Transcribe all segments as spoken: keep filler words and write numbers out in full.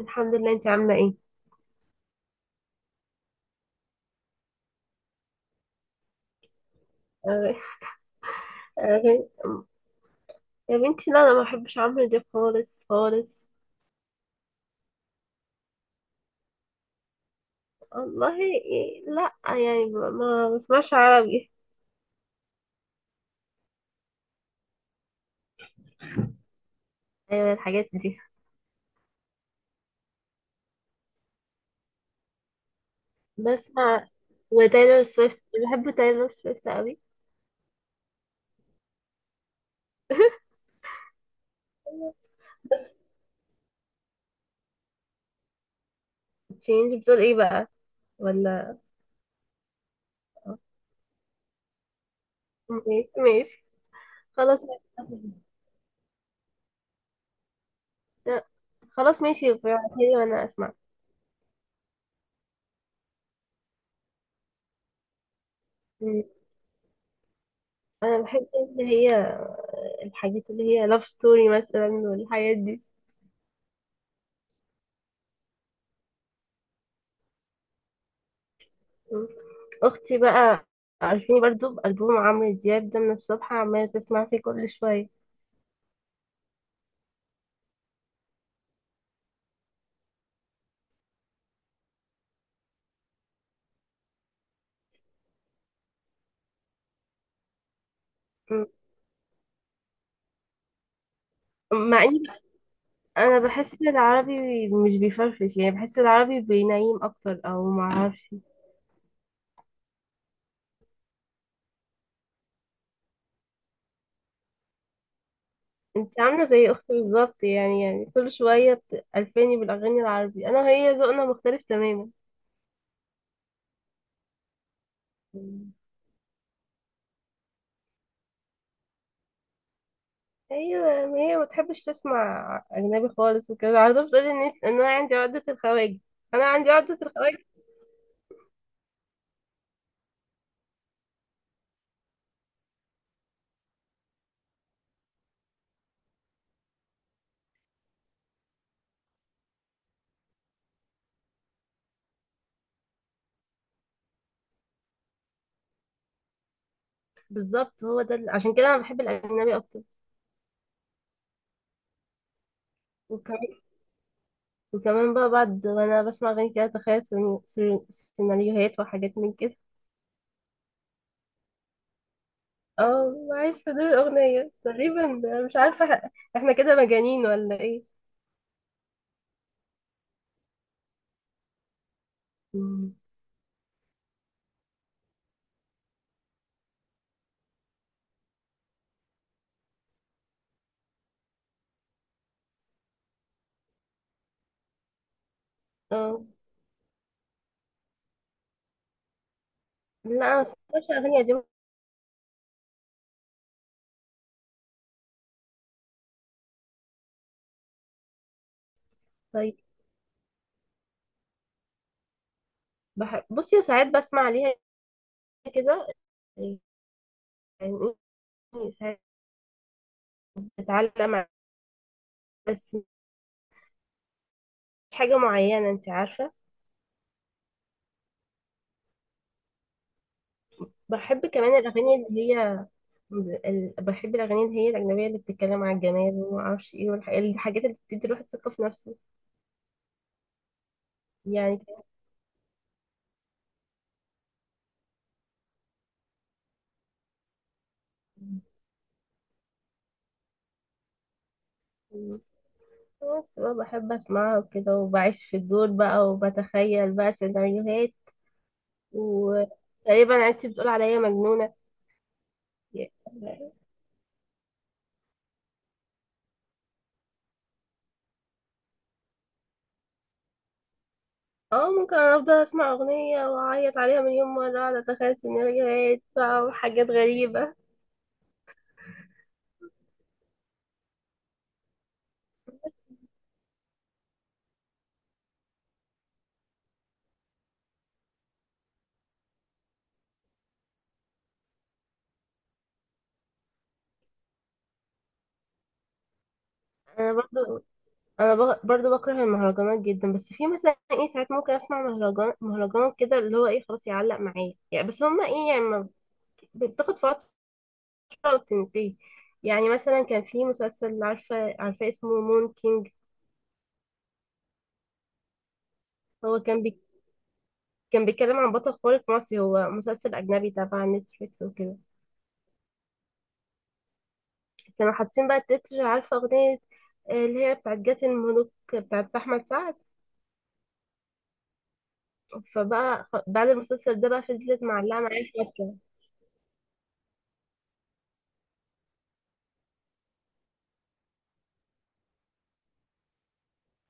الحمد لله، انت عامله ايه؟ آه، آه، يا بنتي لا، انا ما بحبش عمرو دياب خالص خالص. والله إيه، لا يعني ما ما بسمعش عربي. ايوه الحاجات دي. بسمع وتايلور سويفت. بحب تايلور سويفت قوي. بس تشينج بتقول ايه بقى؟ ولا ماشي ماشي. خلاص. لا، خلاص ماشي ابعتيلي وانا اسمع. مم. انا بحب اللي هي الحاجات اللي هي لاف ستوري مثلا والحاجات دي. اختي بقى عارفيني برضو بألبوم عمرو دياب ده من الصبح عمالة تسمع فيه كل شوية. م- مع اني انا بحس العربي مش بيفرفش، يعني بحس العربي بينيم اكتر او معرفش. انت عاملة زي اختي بالظبط، يعني يعني كل شوية بتألفاني بالاغاني العربي، انا هي ذوقنا مختلف تماما. مم. ايوه، ما هي ما بتحبش تسمع اجنبي خالص وكده على طول بتقولي ان إنت- ان انا عندي عقدة الخواجة. انا عندي عقدة الخواجة. بالظبط، هو ده ال- عشان كده انا بحب الاجنبي اكتر. وكمان بقى بعد وانا بسمع اغاني كده اتخيل سيناريو- سيناريو- سيناريوهات وحاجات من كده. اه، عايش في دور الاغنية تقريبا. مش عارفة احنا كده مجانين ولا ايه؟ مم. اه. لا انا ما بسمعش اغاني قديمة. طيب. بح... بصي ساعات بسمع عليها كده يعني، إيه، ساعات بتعلم ع- بس مش حاجة معينة انت عارفة. بحب كمان الأغاني اللي هي ال- بحب الأغاني اللي هي الأجنبية اللي بتتكلم عن الجمال وما أعرفش إيه والحاجات اللي بتدي الواحد ثقة في نفسه، يعني. كان- بس بقى بحب اسمعها وكده وبعيش في الدور بقى وبتخيل بقى سيناريوهات. وتقريبا انت بتقول عليا مجنونة. اه ممكن. أنا افضل اسمع اغنية واعيط عليها مليون مرة، اقعد اتخيل سيناريوهات بقى وحاجات غريبة. انا برضو. انا بق- برضو بكره المهرجانات جدا، بس في مثلا ايه، ساعات ممكن اسمع مهرجان مهرجان كده اللي هو ايه، خلاص يعلق معايا يعني، بس هما ايه يعني ما- بت- بتاخد فترة تنتهي. يعني مثلا كان في مسلسل، عارفة عارفة اسمه مون كينج. هو كان بي كان بيتكلم عن بطل خارق مصري، هو مسلسل أجنبي تبع نتفليكس وكده. كانوا حاطين بقى التتر، عارفة أغنية آه، اللي هي بتاعت جات الملوك بتاعت أحمد سعد؟ فبقى خ- بعد المسلسل ده بقى فضلت معلقة معايا فترة.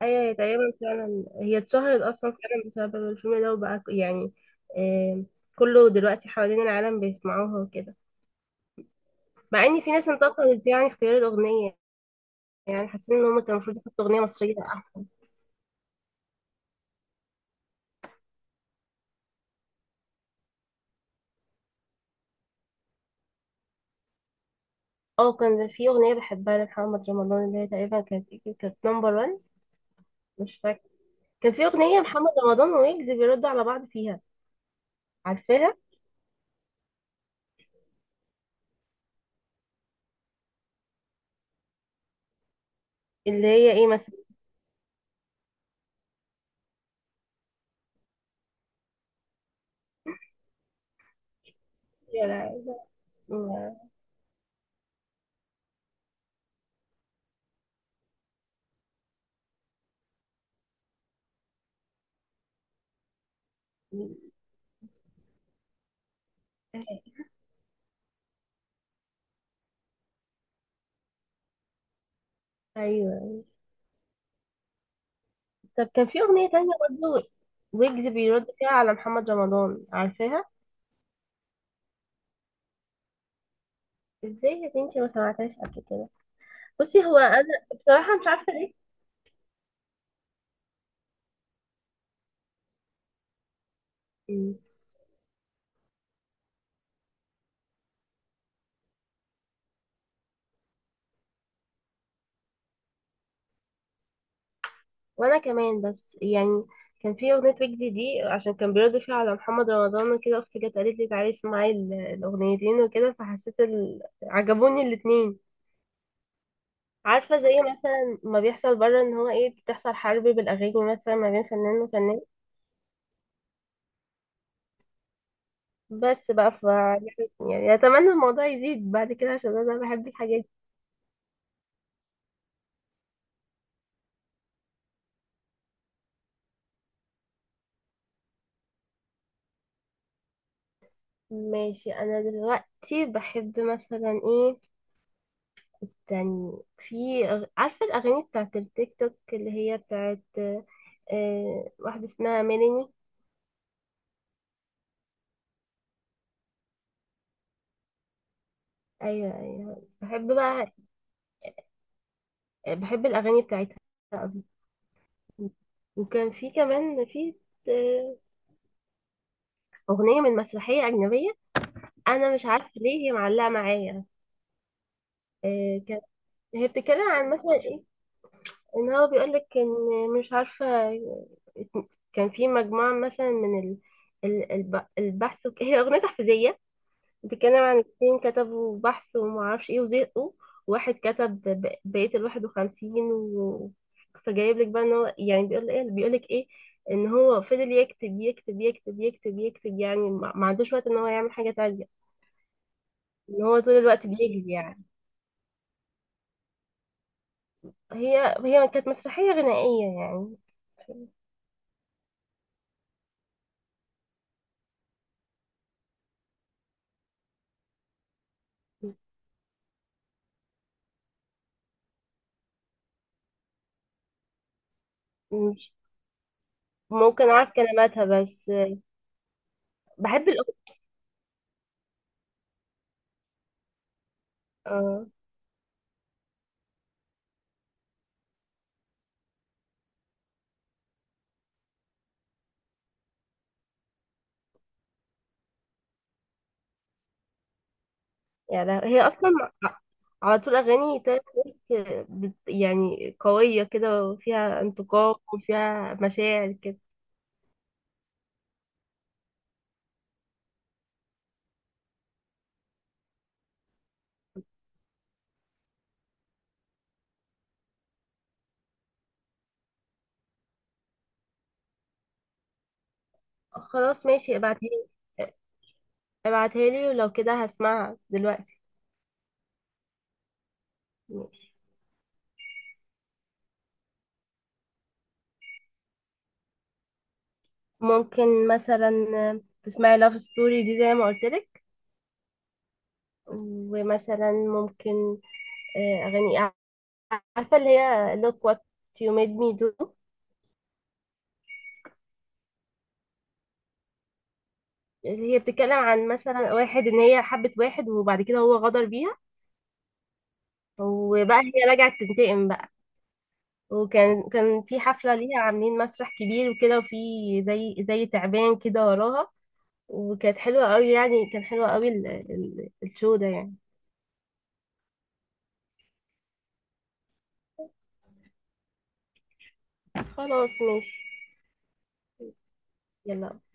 أيوة، هي تقريبا فعلا هي اتشهرت أصلا فعلا بسبب الفيلم ده، وبقى ك- يعني آه، كله دلوقتي حوالين العالم بيسمعوها وكده. مع إن في ناس انتقدت يعني اختيار الأغنية، يعني حاسين ان هم كان المفروض يحطوا اغنيه مصريه احسن. اه، كان في اغنيه بحبها لمحمد رمضان اللي هي تقريبا كانت إيه؟ كانت نمبر واحد. مش فاكره. كان في اغنيه محمد رمضان ويجز بيردوا على بعض فيها. عارفاها؟ اللي هي ايه مثلا، ولا ما- ايوه. طب كان في اغنيه تانية برضه ويجز بيرد فيها على محمد رمضان، عارفاها؟ ازاي يا بنتي ما سمعتهاش قبل كده؟ بصي هو انا بصراحه مش عارفه ليه. مم. وانا كمان، بس يعني كان في اغنيه ويجز دي عشان كان بيرد فيها على محمد رمضان وكده، اختي جت قالت لي تعالي اسمعي ال- الاغنيتين وكده، فحسيت ال... عجبوني الاتنين. عارفه زي مثلا ما بيحصل بره ان هو ايه بتحصل حرب بالاغاني مثلا ما بين فنان وفنان. بس بقى ف يعني اتمنى الموضوع يزيد بعد كده عشان انا بحب الحاجات دي. ماشي. انا دلوقتي بحب مثلا ايه تاني، في أغ- عارفة الأغاني بتاعت التيك توك اللي هي بتاعت آه، واحدة اسمها ميلاني. أيوة أيوة، بحب بقى. بحب الأغاني بتاعتها. وكان في كمان في آه، أغنية من مسرحية أجنبية، أنا مش عارفة ليه هي معلقة معايا. آه، كانت هي بتتكلم عن مثلا إيه، إن هو بيقولك إن مش عارفة، كان في مجموعة مثلا من ال- ال- الب- البحث وك- هي أغنية تحفيزية بتتكلم عن اتنين كتبوا بحث ومعرفش ايه وزهقوا. واحد كتب ب- بقية الواحد وخمسين و... فجايب لك بقى ان هو يعني بيقول ايه، بيقول لك ايه، ان هو فضل يكتب يكتب يكتب يكتب يكتب، يعني ما ما عندوش وقت ان هو يعمل حاجة تانية، ان هو طول الوقت بيجري يعني. هي هي كانت مسرحية غنائية يعني. مش ممكن اعرف كلماتها بس، بحب الأغنية. آه. يعني ده- هي اصلا على طول اغاني تايلور سويفت بت- يعني قويه كده وفيها انتقام وفيها مشاعر كده. خلاص ماشي، ابعتها لي. ابعتها لي ولو كده هسمعها دلوقتي. ماشي. ممكن مثلا تسمعي لاف ستوري دي زي ما قلت لك. ومثلا ممكن آه، اغاني، عارفه اللي هي look what you made me do. هي بتتكلم عن مثلا واحد، ان هي حبت واحد وبعد كده هو غدر بيها، وبقى هي رجعت تنتقم بقى. وكان كان في حفلة ليها عاملين مسرح كبير وكده، وفي زي زي تعبان كده وراها، وكانت حلوة قوي، يعني كان حلوة قوي ال- ال- الشو ده يعني. خلاص ماشي. يلا.